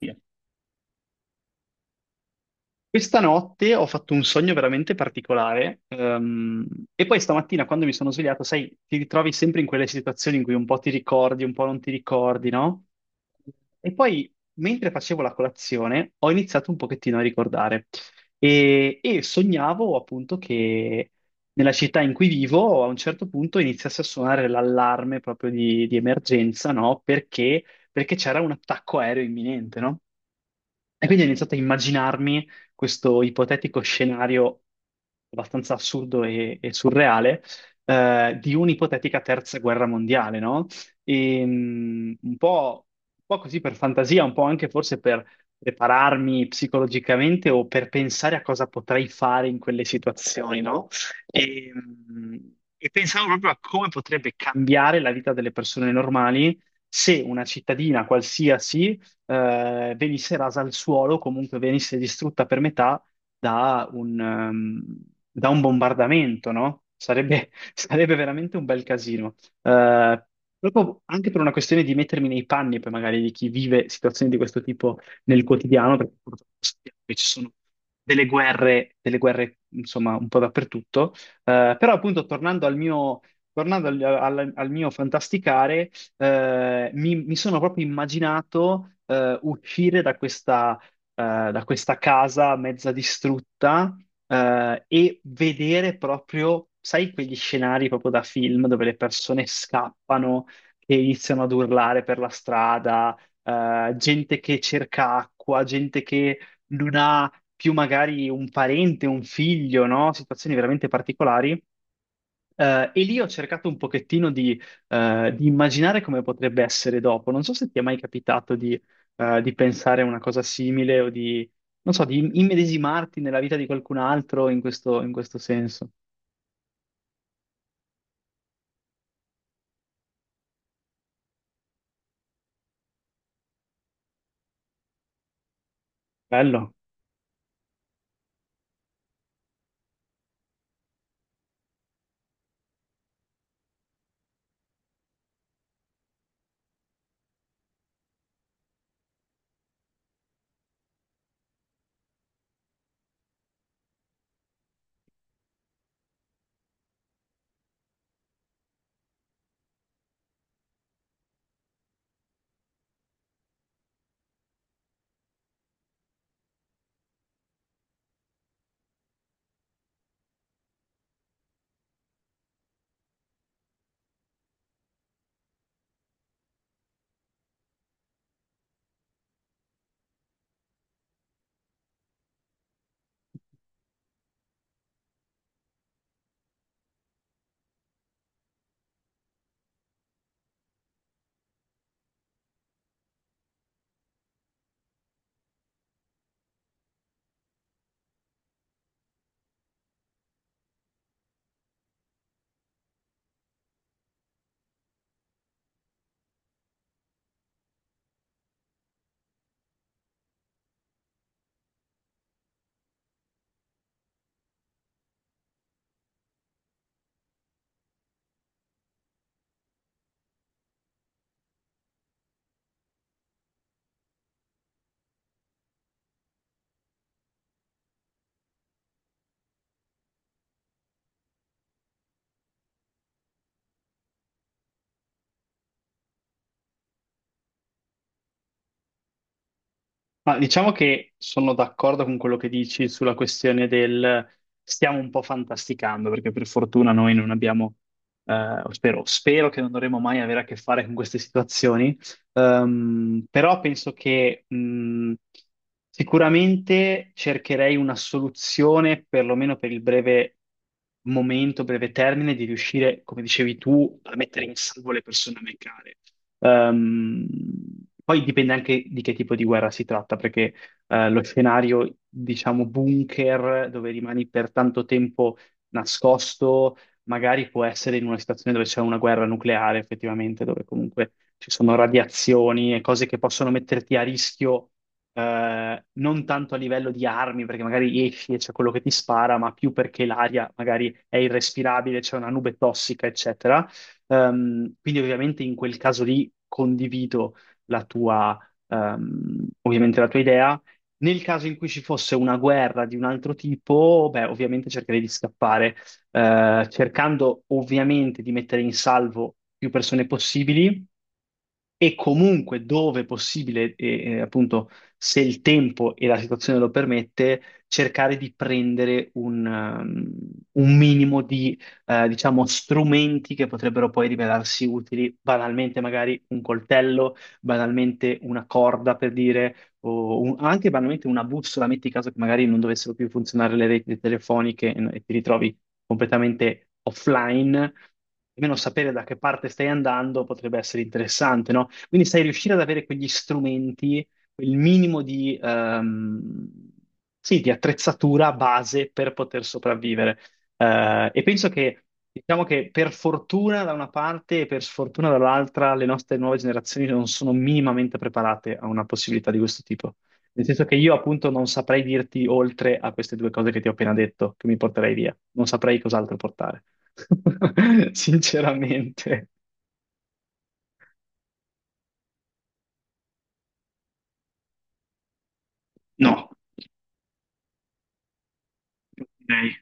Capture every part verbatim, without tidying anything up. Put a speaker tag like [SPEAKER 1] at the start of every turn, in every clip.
[SPEAKER 1] Sì. Questa notte ho fatto un sogno veramente particolare, ehm, e poi stamattina quando mi sono svegliato, sai, ti ritrovi sempre in quelle situazioni in cui un po' ti ricordi, un po' non ti ricordi, no? E poi, mentre facevo la colazione, ho iniziato un pochettino a ricordare e, e sognavo appunto che nella città in cui vivo a un certo punto iniziasse a suonare l'allarme proprio di, di emergenza, no? Perché, perché c'era un attacco aereo imminente, no? E quindi ho iniziato a immaginarmi questo ipotetico scenario abbastanza assurdo e, e surreale eh, di un'ipotetica terza guerra mondiale, no? E, mm, un po', un po' così per fantasia, un po' anche forse per prepararmi psicologicamente o per pensare a cosa potrei fare in quelle situazioni, no? E, mm, e pensavo proprio a come potrebbe cambiare la vita delle persone normali se una cittadina qualsiasi eh, venisse rasa al suolo, comunque venisse distrutta per metà da un, ehm, da un bombardamento, no? Sarebbe, sarebbe veramente un bel casino. Eh, Proprio anche per una questione di mettermi nei panni, poi magari di chi vive situazioni di questo tipo nel quotidiano, perché purtroppo sappiamo che ci sono delle guerre, delle guerre, insomma, un po' dappertutto. Eh, però appunto tornando al mio, tornando al, al- al mio fantasticare, eh, mi, mi sono proprio immaginato, eh, uscire da questa, eh, da questa casa mezza distrutta, eh, e vedere proprio, sai, quegli scenari proprio da film dove le persone scappano e iniziano ad urlare per la strada, eh, gente che cerca acqua, gente che non ha più magari un parente, un figlio, no? Situazioni veramente particolari. Eh, e lì ho cercato un pochettino di, eh, di immaginare come potrebbe essere dopo. Non so se ti è mai capitato di, eh, di pensare a una cosa simile o di, non so, di immedesimarti nella vita di qualcun altro in questo, in questo senso. Bello. Ma diciamo che sono d'accordo con quello che dici sulla questione del stiamo un po' fantasticando, perché per fortuna noi non abbiamo, eh, spero, spero che non dovremo mai avere a che fare con queste situazioni. Ehm, però penso che, mh, sicuramente cercherei una soluzione, perlomeno per il breve momento, breve termine, di riuscire, come dicevi tu, a mettere in salvo le persone a me care. Ehm, Poi dipende anche di che tipo di guerra si tratta, perché, eh, lo scenario, diciamo, bunker, dove rimani per tanto tempo nascosto, magari può essere in una situazione dove c'è una guerra nucleare, effettivamente, dove comunque ci sono radiazioni e cose che possono metterti a rischio, eh, non tanto a livello di armi, perché magari esci e c'è quello che ti spara, ma più perché l'aria magari è irrespirabile, c'è una nube tossica, eccetera. Ehm, quindi ovviamente in quel caso lì condivido la tua, ehm, ovviamente la tua idea. Nel caso in cui ci fosse una guerra di un altro tipo, beh, ovviamente cercherei di scappare, eh, cercando ovviamente di mettere in salvo più persone possibili e comunque dove è possibile, e, e, appunto se il tempo e la situazione lo permette, cercare di prendere un, um, un minimo di, eh, diciamo, strumenti che potrebbero poi rivelarsi utili, banalmente magari un coltello, banalmente una corda per dire, o un- anche banalmente una bussola, metti caso che magari non dovessero più funzionare le reti telefoniche e, e ti ritrovi completamente offline, almeno sapere da che parte stai andando potrebbe essere interessante, no? Quindi sai, riuscire ad avere quegli strumenti, quel minimo di, ehm, sì, di attrezzatura base per poter sopravvivere. Eh, e penso che, diciamo che per fortuna da una parte e per sfortuna dall'altra, le nostre nuove generazioni non sono minimamente preparate a una possibilità di questo tipo. Nel senso che io appunto non saprei dirti, oltre a queste due cose che ti ho appena detto, che mi porterei via. Non saprei cos'altro portare. Sinceramente. No, direi.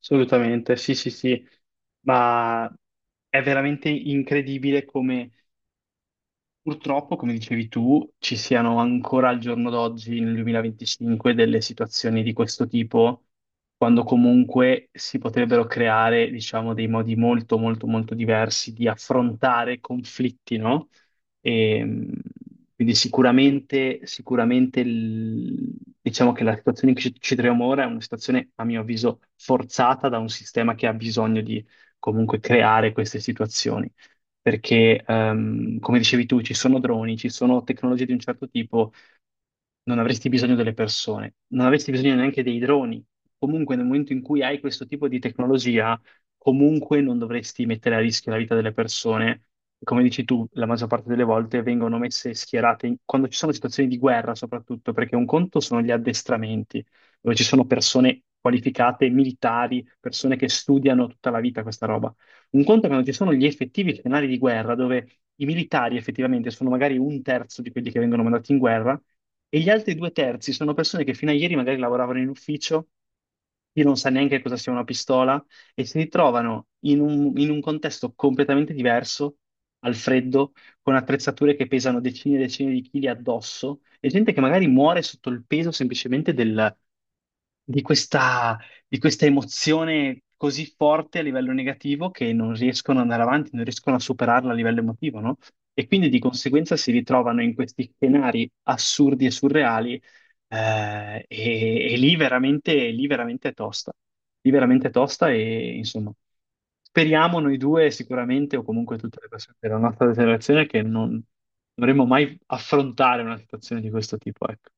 [SPEAKER 1] Assolutamente, sì, sì, sì, ma è veramente incredibile come, purtroppo, come dicevi tu, ci siano ancora al giorno d'oggi, nel duemilaventicinque, delle situazioni di questo tipo, quando comunque si potrebbero creare, diciamo, dei modi molto, molto, molto diversi di affrontare conflitti, no? E, mh, quindi sicuramente, sicuramente il- diciamo che la situazione in cui ci, ci troviamo ora è una situazione, a mio avviso, forzata da un sistema che ha bisogno di comunque creare queste situazioni perché, ehm, come dicevi tu, ci sono droni, ci sono tecnologie di un certo tipo, non avresti bisogno delle persone, non avresti bisogno neanche dei droni. Comunque, nel momento in cui hai questo tipo di tecnologia, comunque non dovresti mettere a rischio la vita delle persone. Come dici tu, la maggior parte delle volte vengono messe schierate in- quando ci sono situazioni di guerra, soprattutto, perché un conto sono gli addestramenti, dove ci sono persone qualificate, militari, persone che studiano tutta la vita questa roba. Un conto è quando ci sono gli effettivi scenari di guerra, dove i militari effettivamente sono magari un terzo di quelli che vengono mandati in guerra, e gli altri due terzi sono persone che fino a ieri magari lavoravano in ufficio, chi non sa neanche cosa sia una pistola, e si ritrovano in un, in un contesto completamente diverso, al freddo, con attrezzature che pesano decine e decine di chili addosso, e gente che magari muore sotto il peso semplicemente del, di questa, di questa emozione così forte a livello negativo, che non riescono ad andare avanti, non riescono a superarla a livello emotivo, no? E quindi di conseguenza si ritrovano in questi scenari assurdi e surreali, eh, e, e lì veramente, lì veramente è tosta. Lì veramente è tosta e insomma. Speriamo noi due sicuramente, o comunque tutte le persone della nostra generazione, che non dovremmo mai affrontare una situazione di questo tipo, ecco.